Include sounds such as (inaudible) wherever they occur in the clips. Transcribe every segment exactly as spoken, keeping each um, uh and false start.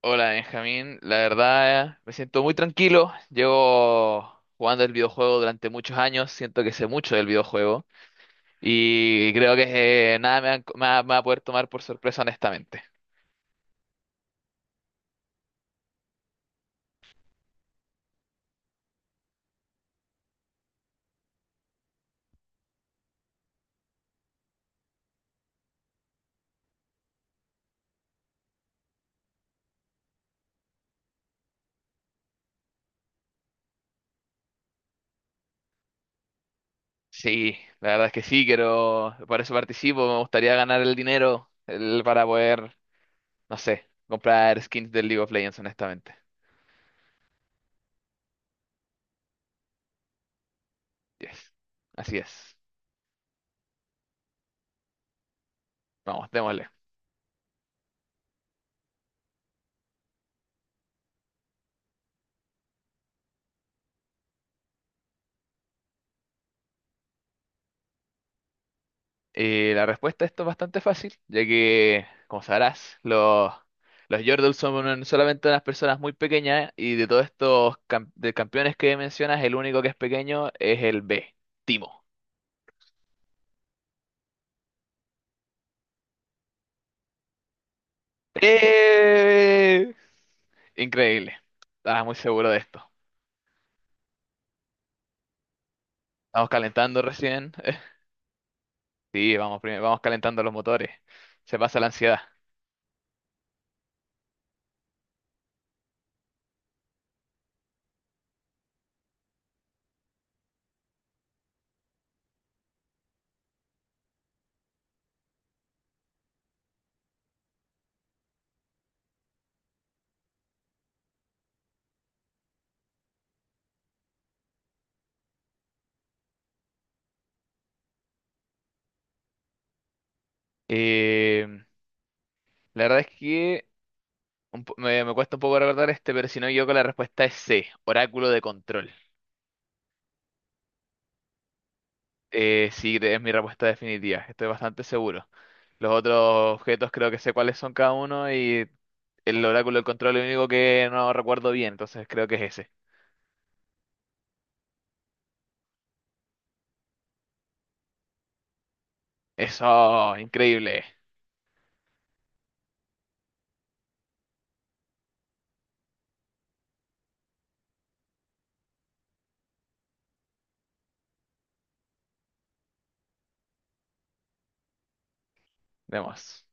Hola Benjamín, la verdad me siento muy tranquilo. Llevo jugando el videojuego durante muchos años, siento que sé mucho del videojuego y creo que eh, nada me va, me va- me va a poder tomar por sorpresa honestamente. Sí, la verdad es que sí, quiero, por eso participo, me gustaría ganar el dinero el- para poder, no sé, comprar skins del League of Legends honestamente. Yes, así es. Vamos, démosle. Y la respuesta a esto es bastante fácil, ya que, como sabrás, los, los Yordles son solamente unas personas muy pequeñas y de todos estos cam- de campeones que mencionas, el único que es pequeño es el B, Timo. ¡Eh! Increíble. Estaba muy seguro de esto. Estamos calentando recién. (laughs) Sí, vamos, primero, vamos calentando los motores. Se pasa la ansiedad. Eh, la verdad es que un po- me, me cuesta un poco recordar este, pero si no, yo con la respuesta es C, Oráculo de Control. Eh, sí, es mi respuesta definitiva, estoy bastante seguro. Los otros objetos creo que sé cuáles son cada uno y el oráculo del control es el único que no recuerdo bien, entonces creo que es ese. Eso, increíble. Vemos.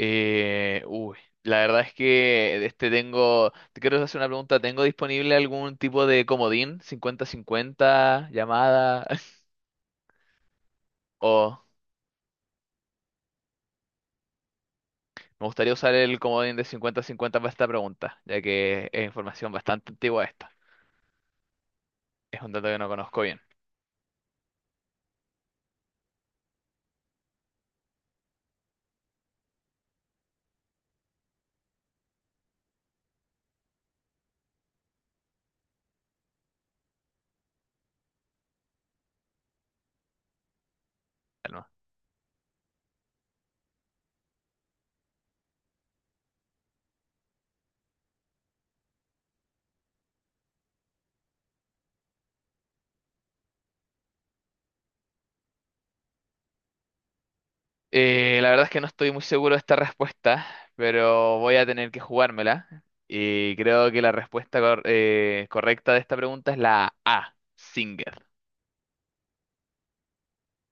Eh, uy, la verdad es que este tengo, te quiero hacer una pregunta, ¿tengo disponible algún tipo de comodín? cincuenta cincuenta, llamada, (laughs) o me gustaría usar el comodín de cincuenta cincuenta para esta pregunta, ya que es información bastante antigua esta. Es un dato que no conozco bien. Calma. Eh, la verdad es que no estoy muy seguro de esta respuesta, pero voy a tener que jugármela. Y creo que la respuesta cor- eh, correcta de esta pregunta es la A, Singer.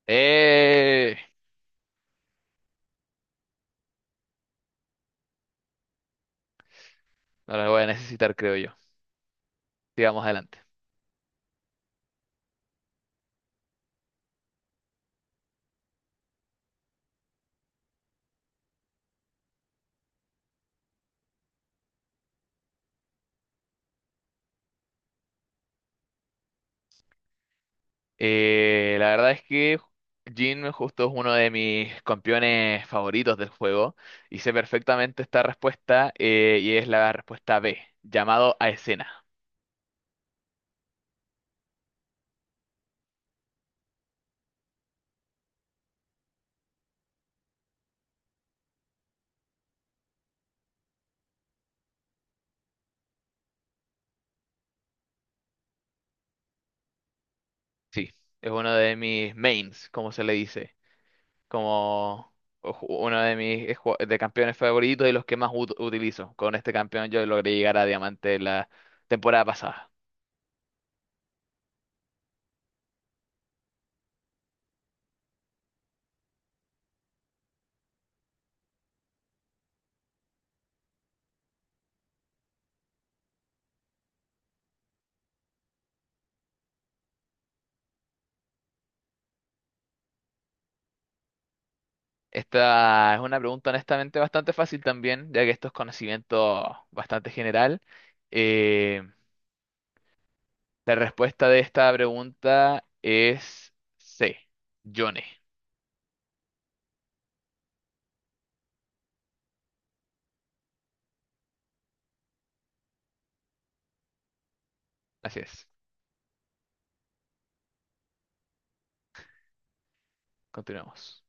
Eh, no la voy a necesitar, creo yo. Sigamos adelante. Eh, la verdad es que Jin justo es uno de mis campeones favoritos del juego y sé perfectamente esta respuesta eh, y es la respuesta B, llamado a escena. Sí, es uno de mis mains, como se le dice, como o ju- uno de mis eh, ju- de campeones favoritos y los que más ut- utilizo. Con este campeón yo logré llegar a diamante la temporada pasada. Esta es una pregunta honestamente bastante fácil también, ya que esto es conocimiento bastante general. Eh, la respuesta de esta pregunta es C, Yone. Así es, continuamos.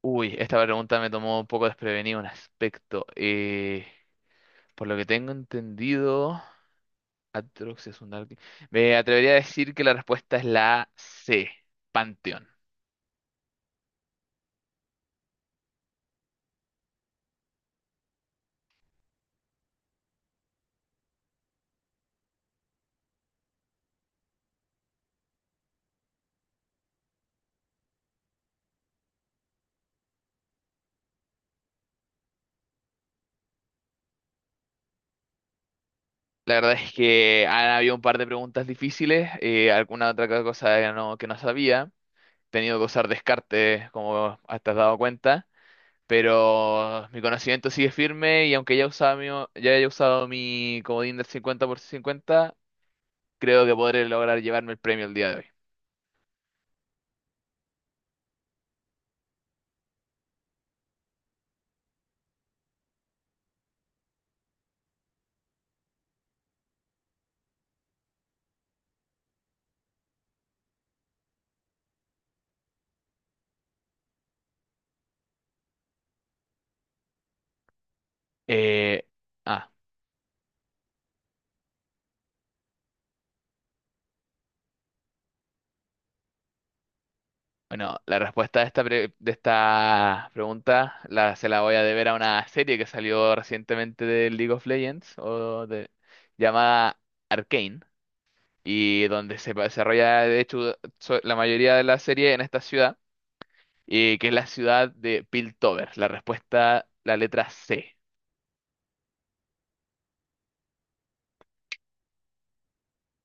Uy, esta pregunta me tomó un poco desprevenido en aspecto. Eh, por lo que tengo entendido, Atrox es un arque- me atrevería a decir que la respuesta es la C, Panteón. La verdad es que han habido un par de preguntas difíciles, eh, alguna otra ca- cosa que no, que no sabía. He tenido que usar descarte, como te has dado cuenta. Pero mi conocimiento sigue firme y aunque ya, usaba mi, o- ya haya usado mi comodín del cincuenta por cincuenta, creo que podré lograr llevarme el premio el día de hoy. Eh, ah, bueno, la respuesta de esta, pre- de esta pregunta la, se la voy a deber a una serie que salió recientemente de League of Legends o de, llamada Arcane y donde se desarrolla de hecho so- la mayoría de la serie en esta ciudad y que es la ciudad de Piltover. La respuesta, la letra C.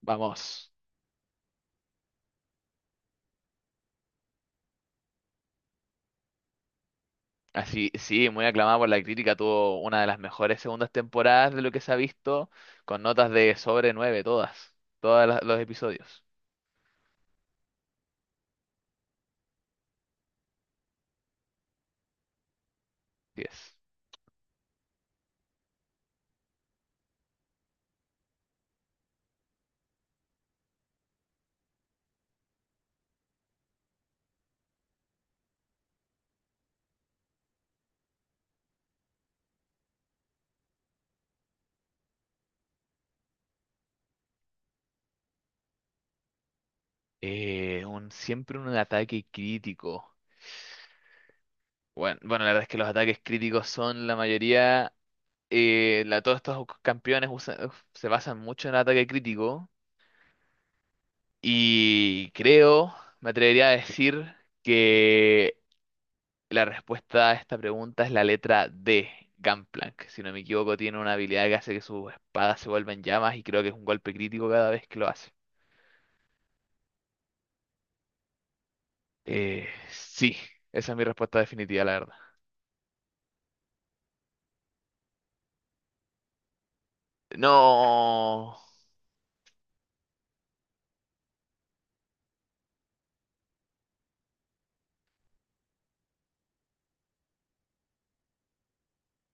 Vamos. Así, sí, muy aclamada por la crítica, tuvo una de las mejores segundas temporadas de lo que se ha visto, con notas de sobre nueve todas, todos los episodios. Diez. Eh, un, siempre un ataque crítico. Bueno, bueno, la verdad es que los ataques críticos son la mayoría, eh, la, todos estos campeones usan- uf, se basan mucho en el ataque crítico y creo, me atrevería a decir que la respuesta a esta pregunta es la letra D, Gangplank. Si no me equivoco, tiene una habilidad que hace que sus espadas se vuelvan llamas y creo que es un golpe crítico cada vez que lo hace. Eh, sí, esa es mi respuesta definitiva, la verdad. No.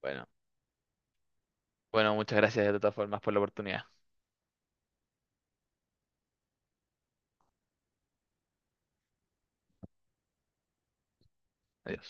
Bueno, bueno, muchas gracias de todas formas por la oportunidad. Adiós.